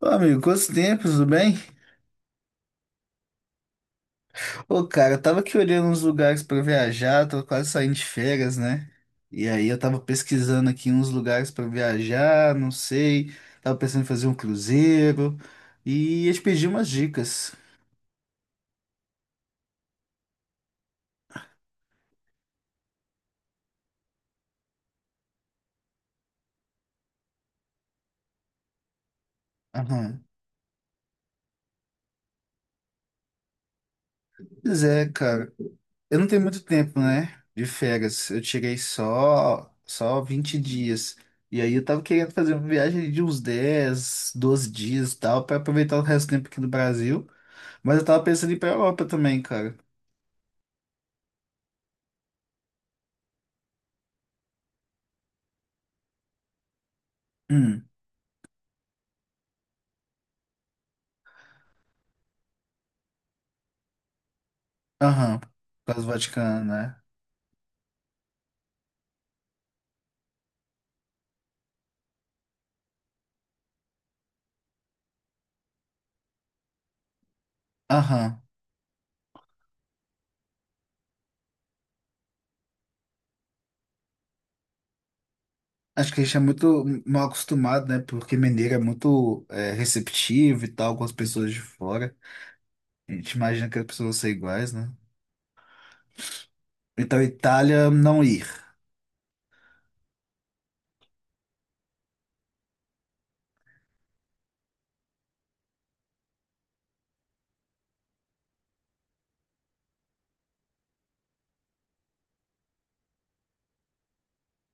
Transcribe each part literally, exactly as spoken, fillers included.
Ô, amigo, quantos tempos, tudo bem? Ô, cara, eu tava aqui olhando uns lugares pra viajar, tô quase saindo de férias, né? E aí eu tava pesquisando aqui uns lugares pra viajar, não sei, tava pensando em fazer um cruzeiro e ia te pedir umas dicas. Aham. Pois é, cara, eu não tenho muito tempo, né, de férias, eu tirei só, só vinte dias. E aí eu tava querendo fazer uma viagem de uns dez, doze dias e tal, pra aproveitar o resto do tempo aqui no Brasil. Mas eu tava pensando em ir pra Europa também, cara. Hum, aham. Por causa do Vaticano, né? Aham. Acho que a gente é muito mal acostumado, né? Porque Mineiro é muito é, receptivo e tal com as pessoas de fora. A gente imagina que as pessoas vão ser iguais, né? Então, Itália, não ir.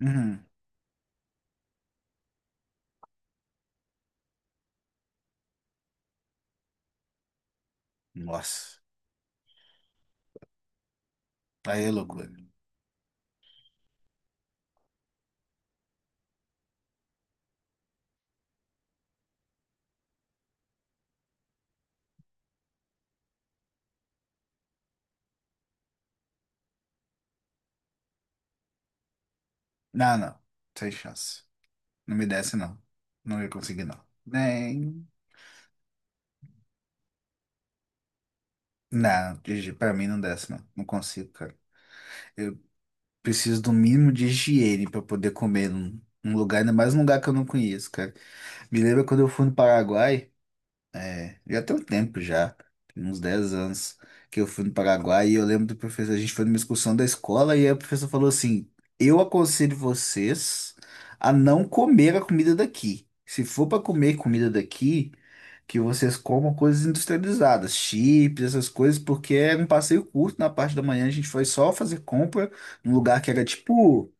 Uhum. Nossa. Aí é loucura. Não, não. Sem chance. Não me desce, não. Não ia conseguir, não. Nem. Não, Gigi, pra mim não desce, não. Não consigo, cara. Eu, Preciso do mínimo de higiene para poder comer num, num lugar, ainda mais num lugar que eu não conheço, cara. Me lembra quando eu fui no Paraguai, é, já tem um tempo já, tem uns dez anos que eu fui no Paraguai e eu lembro do professor, a gente foi numa excursão da escola e aí o professor falou assim: "Eu aconselho vocês a não comer a comida daqui. Se for para comer comida daqui, que vocês comam coisas industrializadas, chips, essas coisas, porque era um passeio curto na parte da manhã, a gente foi só fazer compra num lugar que era tipo,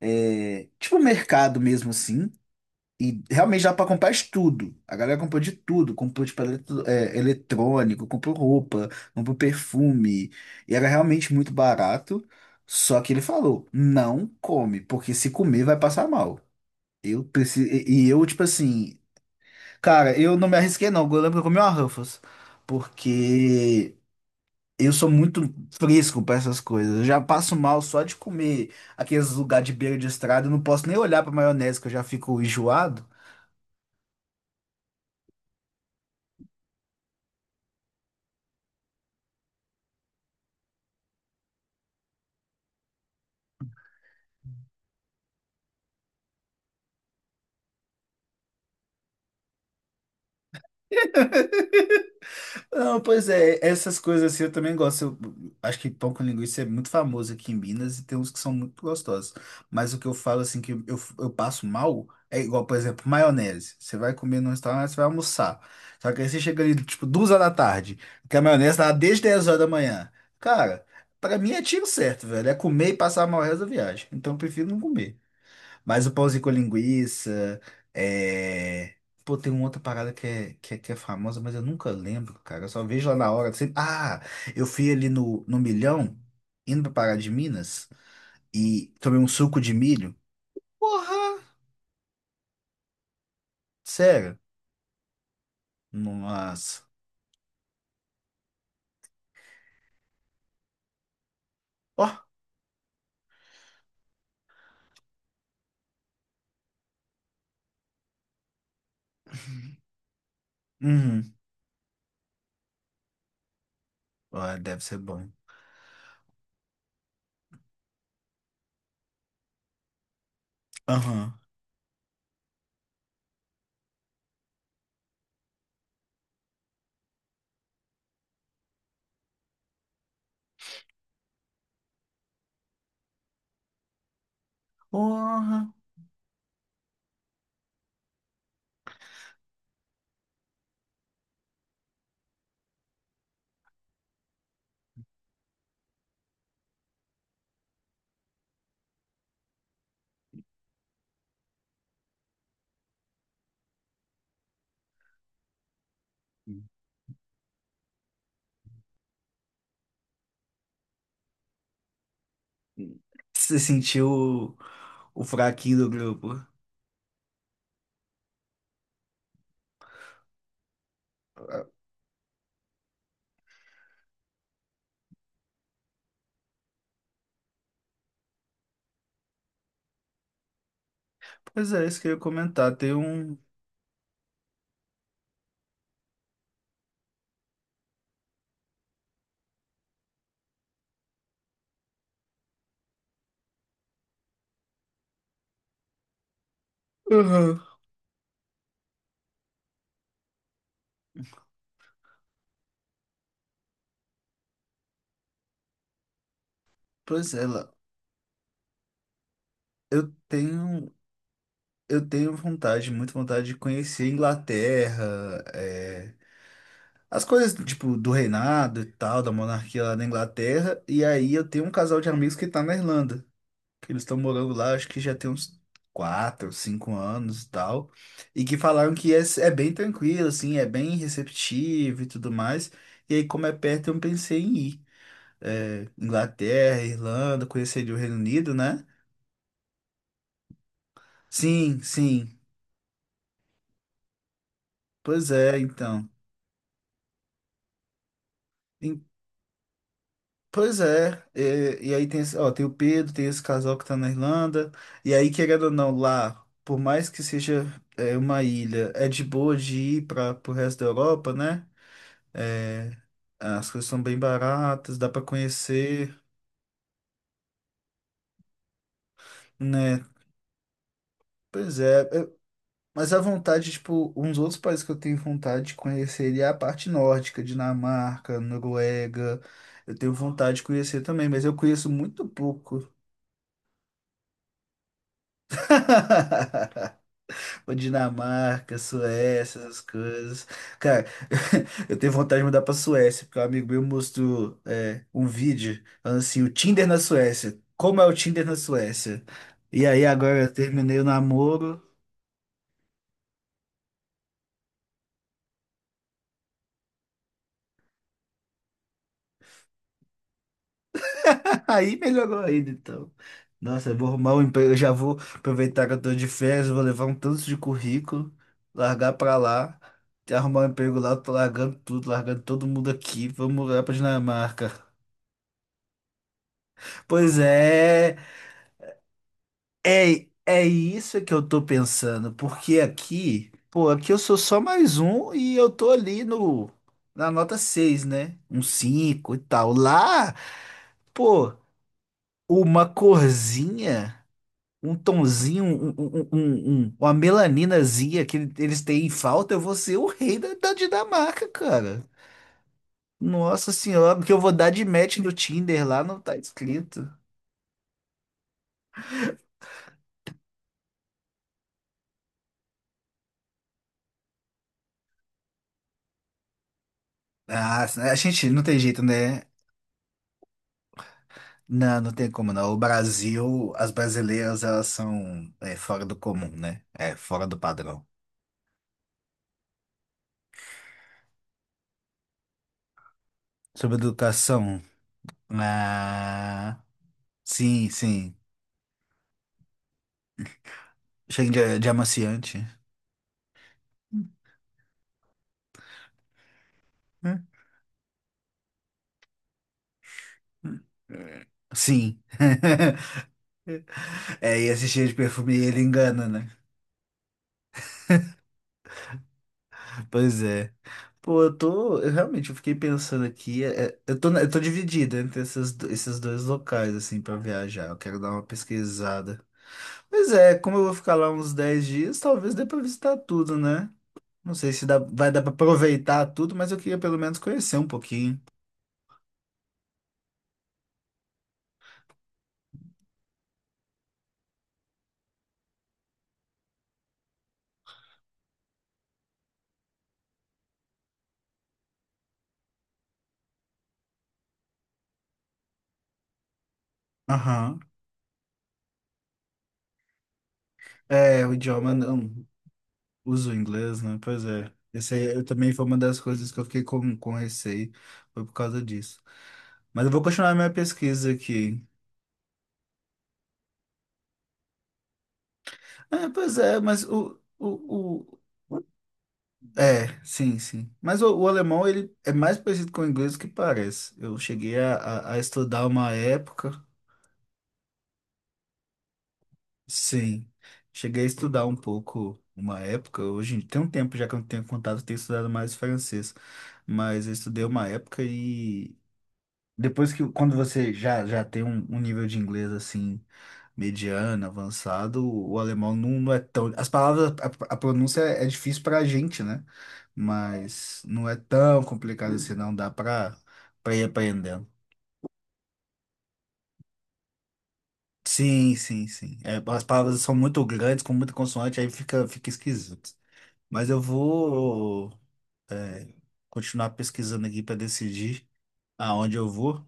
é, tipo um mercado mesmo assim. E realmente dá pra comprar de tudo. A galera comprou de tudo. Comprou, tipo, eletro- é, eletrônico, comprou roupa, comprou perfume. E era realmente muito barato. Só que ele falou, não come, porque se comer vai passar mal. Eu preciso... E e eu, tipo assim, cara, eu não me arrisquei não. Eu lembro que eu comi uma Ruffles. Porque eu sou muito fresco pra essas coisas. Eu já passo mal só de comer aqueles lugares de beira de estrada. Eu não posso nem olhar pra maionese, que eu já fico enjoado. Não, pois é, essas coisas assim eu também gosto. Eu acho que pão com linguiça é muito famoso aqui em Minas e tem uns que são muito gostosos. Mas o que eu falo assim que eu, eu passo mal é igual, por exemplo, maionese. Você vai comer num restaurante, você vai almoçar. Só que aí você chega ali, tipo, duas horas da tarde, que a maionese tá lá desde dez horas da manhã. Cara, pra mim é tiro certo, velho. É comer e passar mal o resto da viagem. Então eu prefiro não comer. Mas o pãozinho com linguiça, é... Pô, tem uma outra parada que é, que é, que é famosa, mas eu nunca lembro, cara. Eu só vejo lá na hora. sempre- Ah, eu fui ali no, no Milhão, indo pra Pará de Minas, e tomei um suco de milho. Porra! Sério? Nossa. Ó. Uhum. Ó, deve ser bom. Aham. Porra. Você sentiu o, o fraquinho do grupo. Pois é, isso que eu ia comentar. Tem um. Aham. Pois é, Lau. eu tenho, eu tenho vontade, muito vontade de conhecer a Inglaterra, é, as coisas tipo do reinado e tal, da monarquia lá na Inglaterra. E aí eu tenho um casal de amigos que tá na Irlanda, que eles estão morando lá, acho que já tem uns quatro, cinco anos e tal, e que falaram que é, é bem tranquilo, assim, é bem receptivo e tudo mais. E aí, como é perto, eu pensei em ir. É, Inglaterra, Irlanda, conheceria o Reino Unido, né? Sim, sim. Pois é, então. Em- Pois é, e, e aí tem, esse- ó, tem o Pedro, tem esse casal que tá na Irlanda, e aí, querendo ou não, lá, por mais que seja é, uma ilha, é de boa de ir para pro resto da Europa, né? É, as coisas são bem baratas, dá para conhecer, né? Pois é, eu- mas a vontade, tipo, uns outros países que eu tenho vontade de conhecer é a parte nórdica, Dinamarca, Noruega, eu tenho vontade de conhecer também, mas eu conheço muito pouco. Ou Dinamarca, Suécia, essas coisas. Cara, eu tenho vontade de mudar pra Suécia, porque um amigo meu mostrou é, um vídeo falando assim, o Tinder na Suécia. Como é o Tinder na Suécia? E aí agora eu terminei o namoro. Aí melhorou ainda, então. Nossa, eu vou arrumar um emprego. Eu já vou aproveitar que eu tô de férias, eu vou levar um tanto de currículo, largar pra lá, arrumar um emprego lá, eu tô largando tudo, largando todo mundo aqui. Vamos lá pra Dinamarca. Pois é, é, é isso que eu tô pensando, porque aqui, pô, aqui eu sou só mais um e eu tô ali no na nota seis, né? Um cinco e tal. Lá, pô, uma corzinha, um tomzinho, um, um, um- um- um, uma melaninazinha que eles têm em falta, eu vou ser o rei da, da Dinamarca, cara. Nossa senhora, porque eu vou dar de match no Tinder lá, não tá escrito. Ah, a gente não tem jeito, né? Não, não tem como não. O Brasil, as brasileiras, elas são é, fora do comum, né? É, fora do padrão. Sobre educação, ah, sim, sim. Chega de, de amaciante. Sim. É, e esse cheiro de perfume, ele engana, né? Pois é. Pô, eu tô. Eu realmente eu fiquei pensando aqui. é, é, eu tô, eu tô dividido entre esses, do- esses dois locais, assim, pra viajar. Eu quero dar uma pesquisada. Pois é, como eu vou ficar lá uns dez dias, talvez dê pra visitar tudo, né? Não sei se dá, vai dar pra aproveitar tudo, mas eu queria pelo menos conhecer um pouquinho. Aham. É, o idioma não uso o inglês, né? Pois é. Esse aí eu também foi uma das coisas que eu fiquei com, com receio, foi por causa disso. Mas eu vou continuar minha pesquisa aqui. É, pois é, mas o, o, o... É, sim, sim. Mas o, o alemão, ele é mais parecido com o inglês do que parece. Eu cheguei a, a, a estudar uma época. Sim, cheguei a estudar um pouco uma época, hoje tem um tempo já que eu não tenho contato, eu tenho estudado mais francês, mas eu estudei uma época e depois que, quando você já, já tem um, um nível de inglês assim, mediano, avançado, o alemão não, não é tão, as palavras, a, a pronúncia é difícil pra gente, né? Mas não é tão complicado assim, não dá pra, pra ir aprendendo. Sim, sim, sim. É, as palavras são muito grandes, com muita consoante, aí fica, fica esquisito. Mas eu vou é, continuar pesquisando aqui para decidir aonde eu vou.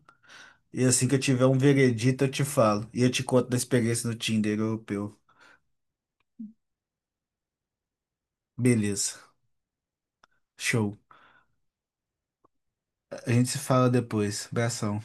E assim que eu tiver um veredito, eu te falo. E eu te conto da experiência no Tinder europeu. Beleza. Show. A gente se fala depois. Abração.